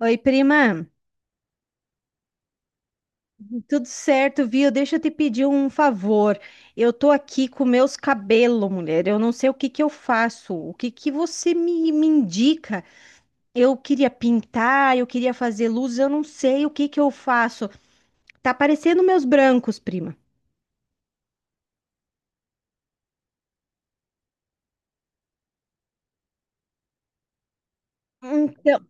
Oi, prima. Tudo certo, viu? Deixa eu te pedir um favor. Eu tô aqui com meus cabelos, mulher. Eu não sei o que que eu faço. O que que você me indica? Eu queria pintar, eu queria fazer luz, eu não sei o que que eu faço. Tá parecendo meus brancos, prima. Então,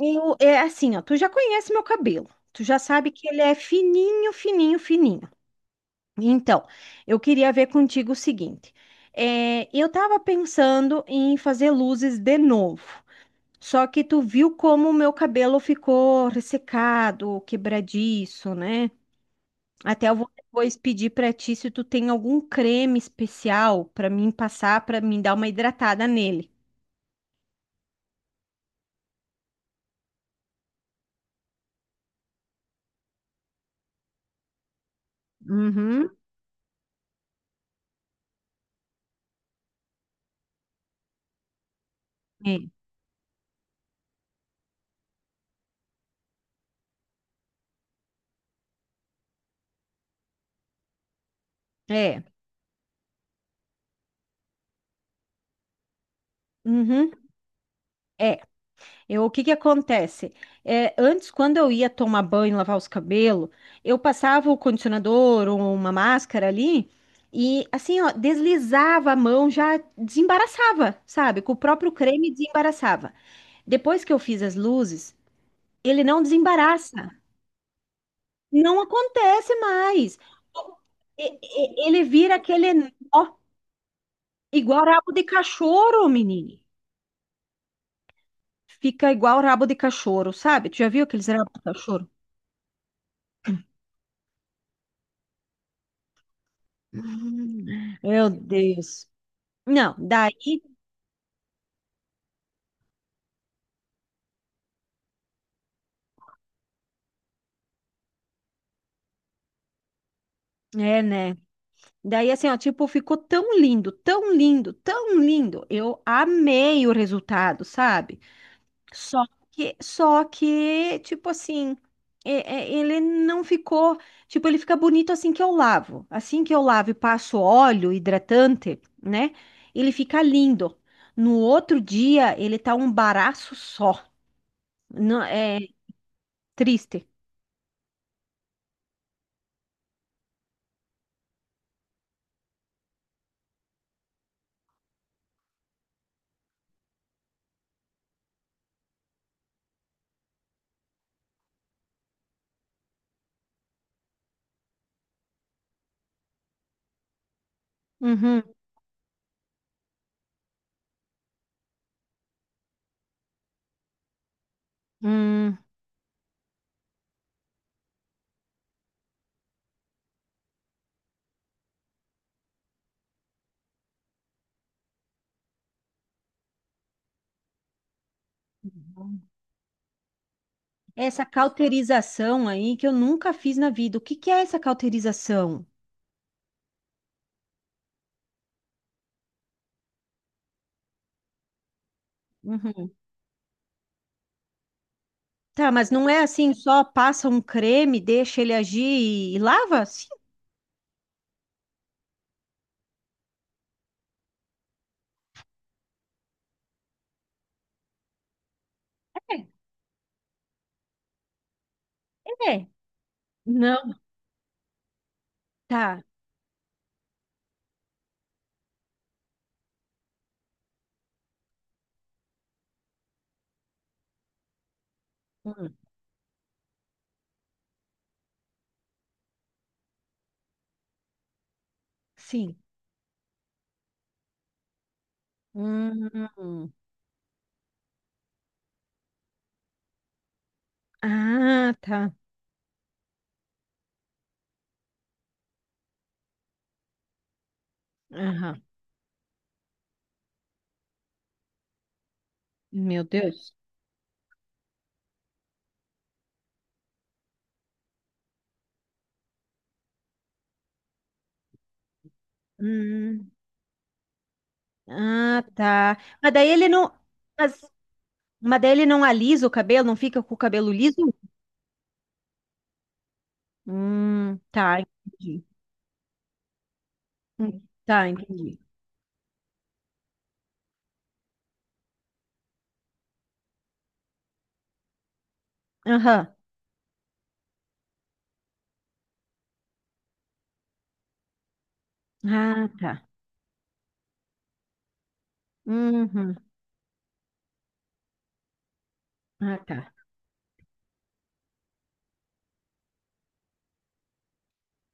é assim, ó. Tu já conhece meu cabelo. Tu já sabe que ele é fininho, fininho, fininho. Então, eu queria ver contigo o seguinte. Eu estava pensando em fazer luzes de novo, só que tu viu como o meu cabelo ficou ressecado, quebradiço, né? Até eu vou depois pedir para ti se tu tem algum creme especial para mim passar, para mim dar uma hidratada nele. Uhum. É, uhum, é. Eu, o que que acontece? É, antes, quando eu ia tomar banho, lavar os cabelos, eu passava o condicionador ou uma máscara ali e, assim, ó, deslizava a mão, já desembaraçava, sabe? Com o próprio creme desembaraçava. Depois que eu fiz as luzes, ele não desembaraça. Não acontece mais. Ele vira aquele nó, igual rabo de cachorro, menino. Fica igual rabo de cachorro, sabe? Tu já viu aqueles rabos de cachorro? Ah, meu Deus. Não, daí, é, né? Daí, assim, ó, tipo, ficou tão lindo, tão lindo, tão lindo. Eu amei o resultado, sabe? Só só que, tipo assim, ele não ficou, tipo, ele fica bonito assim que eu lavo. Assim que eu lavo e passo óleo hidratante, né? Ele fica lindo. No outro dia, ele tá um baraço só. Não, é triste. Uhum. Hum. Essa cauterização aí que eu nunca fiz na vida. O que que é essa cauterização? Uhum. Tá, mas não é assim, só passa um creme, deixa ele agir e lava? Sim, é. Não, tá. Hum, sim. Hum. Ah, tá. Aham. Meu Deus. Hum. Ah, tá. Mas daí ele não. Mas, mas daí ele não alisa o cabelo, não fica com o cabelo liso? Tá, entendi. Tá, entendi. Aham. Ah, tá. Uhum. Ah, tá.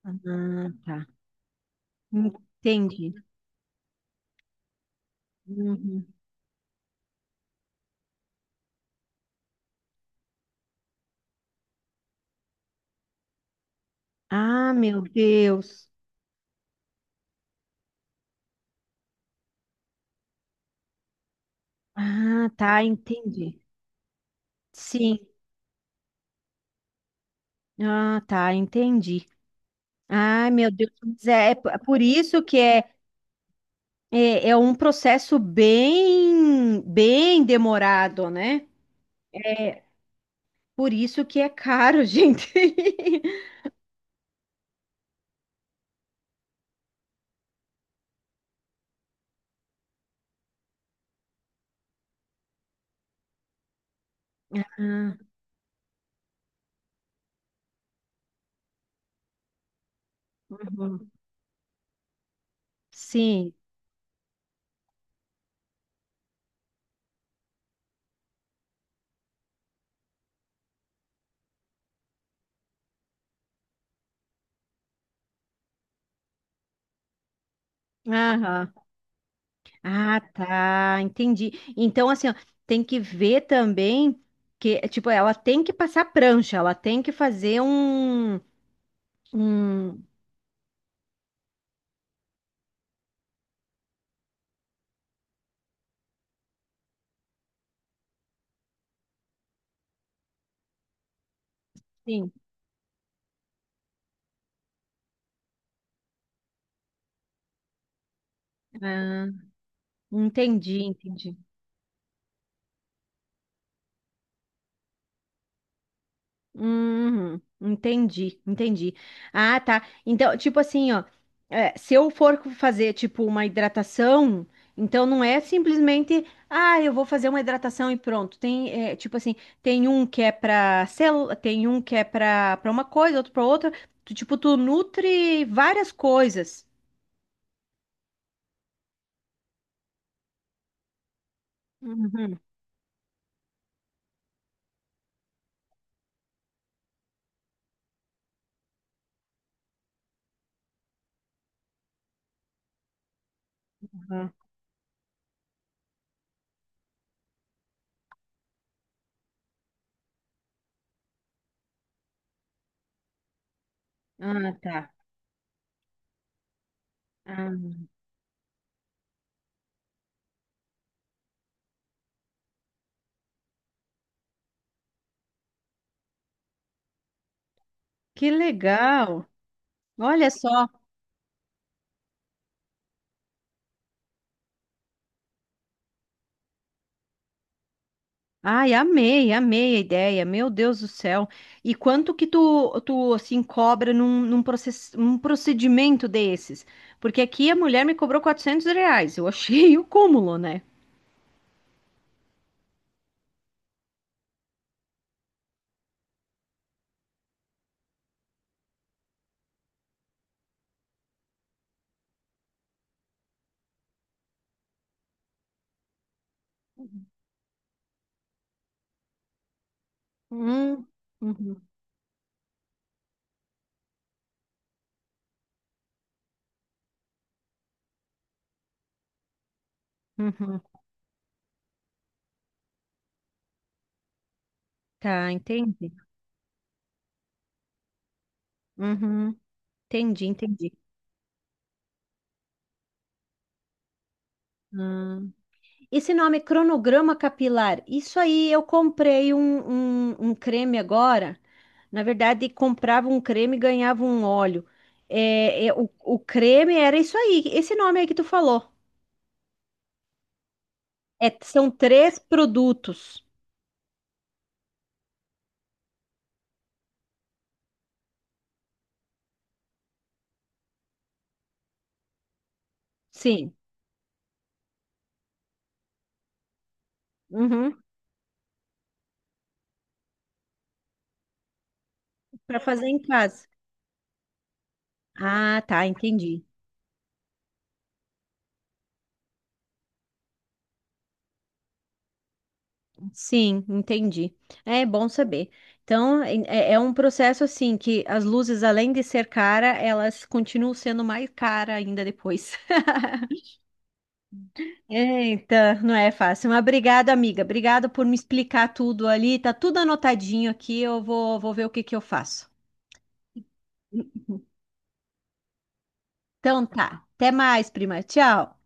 Ah, tá. Entendi. Uhum. Ah, meu Deus. Ah, tá, entendi. Sim. Ah, tá, entendi. Ai, meu Deus. Mas é por isso que é um processo bem, bem demorado, né? É por isso que é caro, gente. Ah, uhum. Sim. Aham. Ah, tá, entendi. Então, assim, ó, tem que ver também que, tipo, ela tem que passar prancha, ela tem que fazer um, sim, ah, entendi, entendi. Uhum, entendi, entendi. Ah, tá. Então, tipo assim, ó, é, se eu for fazer, tipo, uma hidratação, então não é simplesmente, ah, eu vou fazer uma hidratação e pronto. Tem, é, tipo assim, tem um que é pra célula, tem um que é pra, pra uma coisa, outro pra outra. Tu, tipo, tu nutre várias coisas. Uhum. Uhum. Ah, tá. Ah, que legal. Olha só. Ai, amei, amei a ideia. Meu Deus do céu. E quanto que tu, tu assim, cobra num procedimento desses? Porque aqui a mulher me cobrou R$ 400. Eu achei o cúmulo, né? Hum, uhum. Uhum. Tá, entendi. Uhum. Entendi, entendi. Hum. Esse nome é cronograma capilar. Isso aí, eu comprei um creme agora. Na verdade, comprava um creme e ganhava um óleo. O creme era isso aí, esse nome aí que tu falou. É, são três produtos. Sim. Uhum. Para fazer em casa. Ah, tá, entendi. Sim, entendi. É bom saber. Então, é, é um processo assim que as luzes, além de ser cara, elas continuam sendo mais cara ainda depois. Eita, não é fácil. Mas obrigado, amiga. Obrigada por me explicar tudo ali. Tá tudo anotadinho aqui. Eu vou ver o que que eu faço. Então tá. Até mais, prima. Tchau.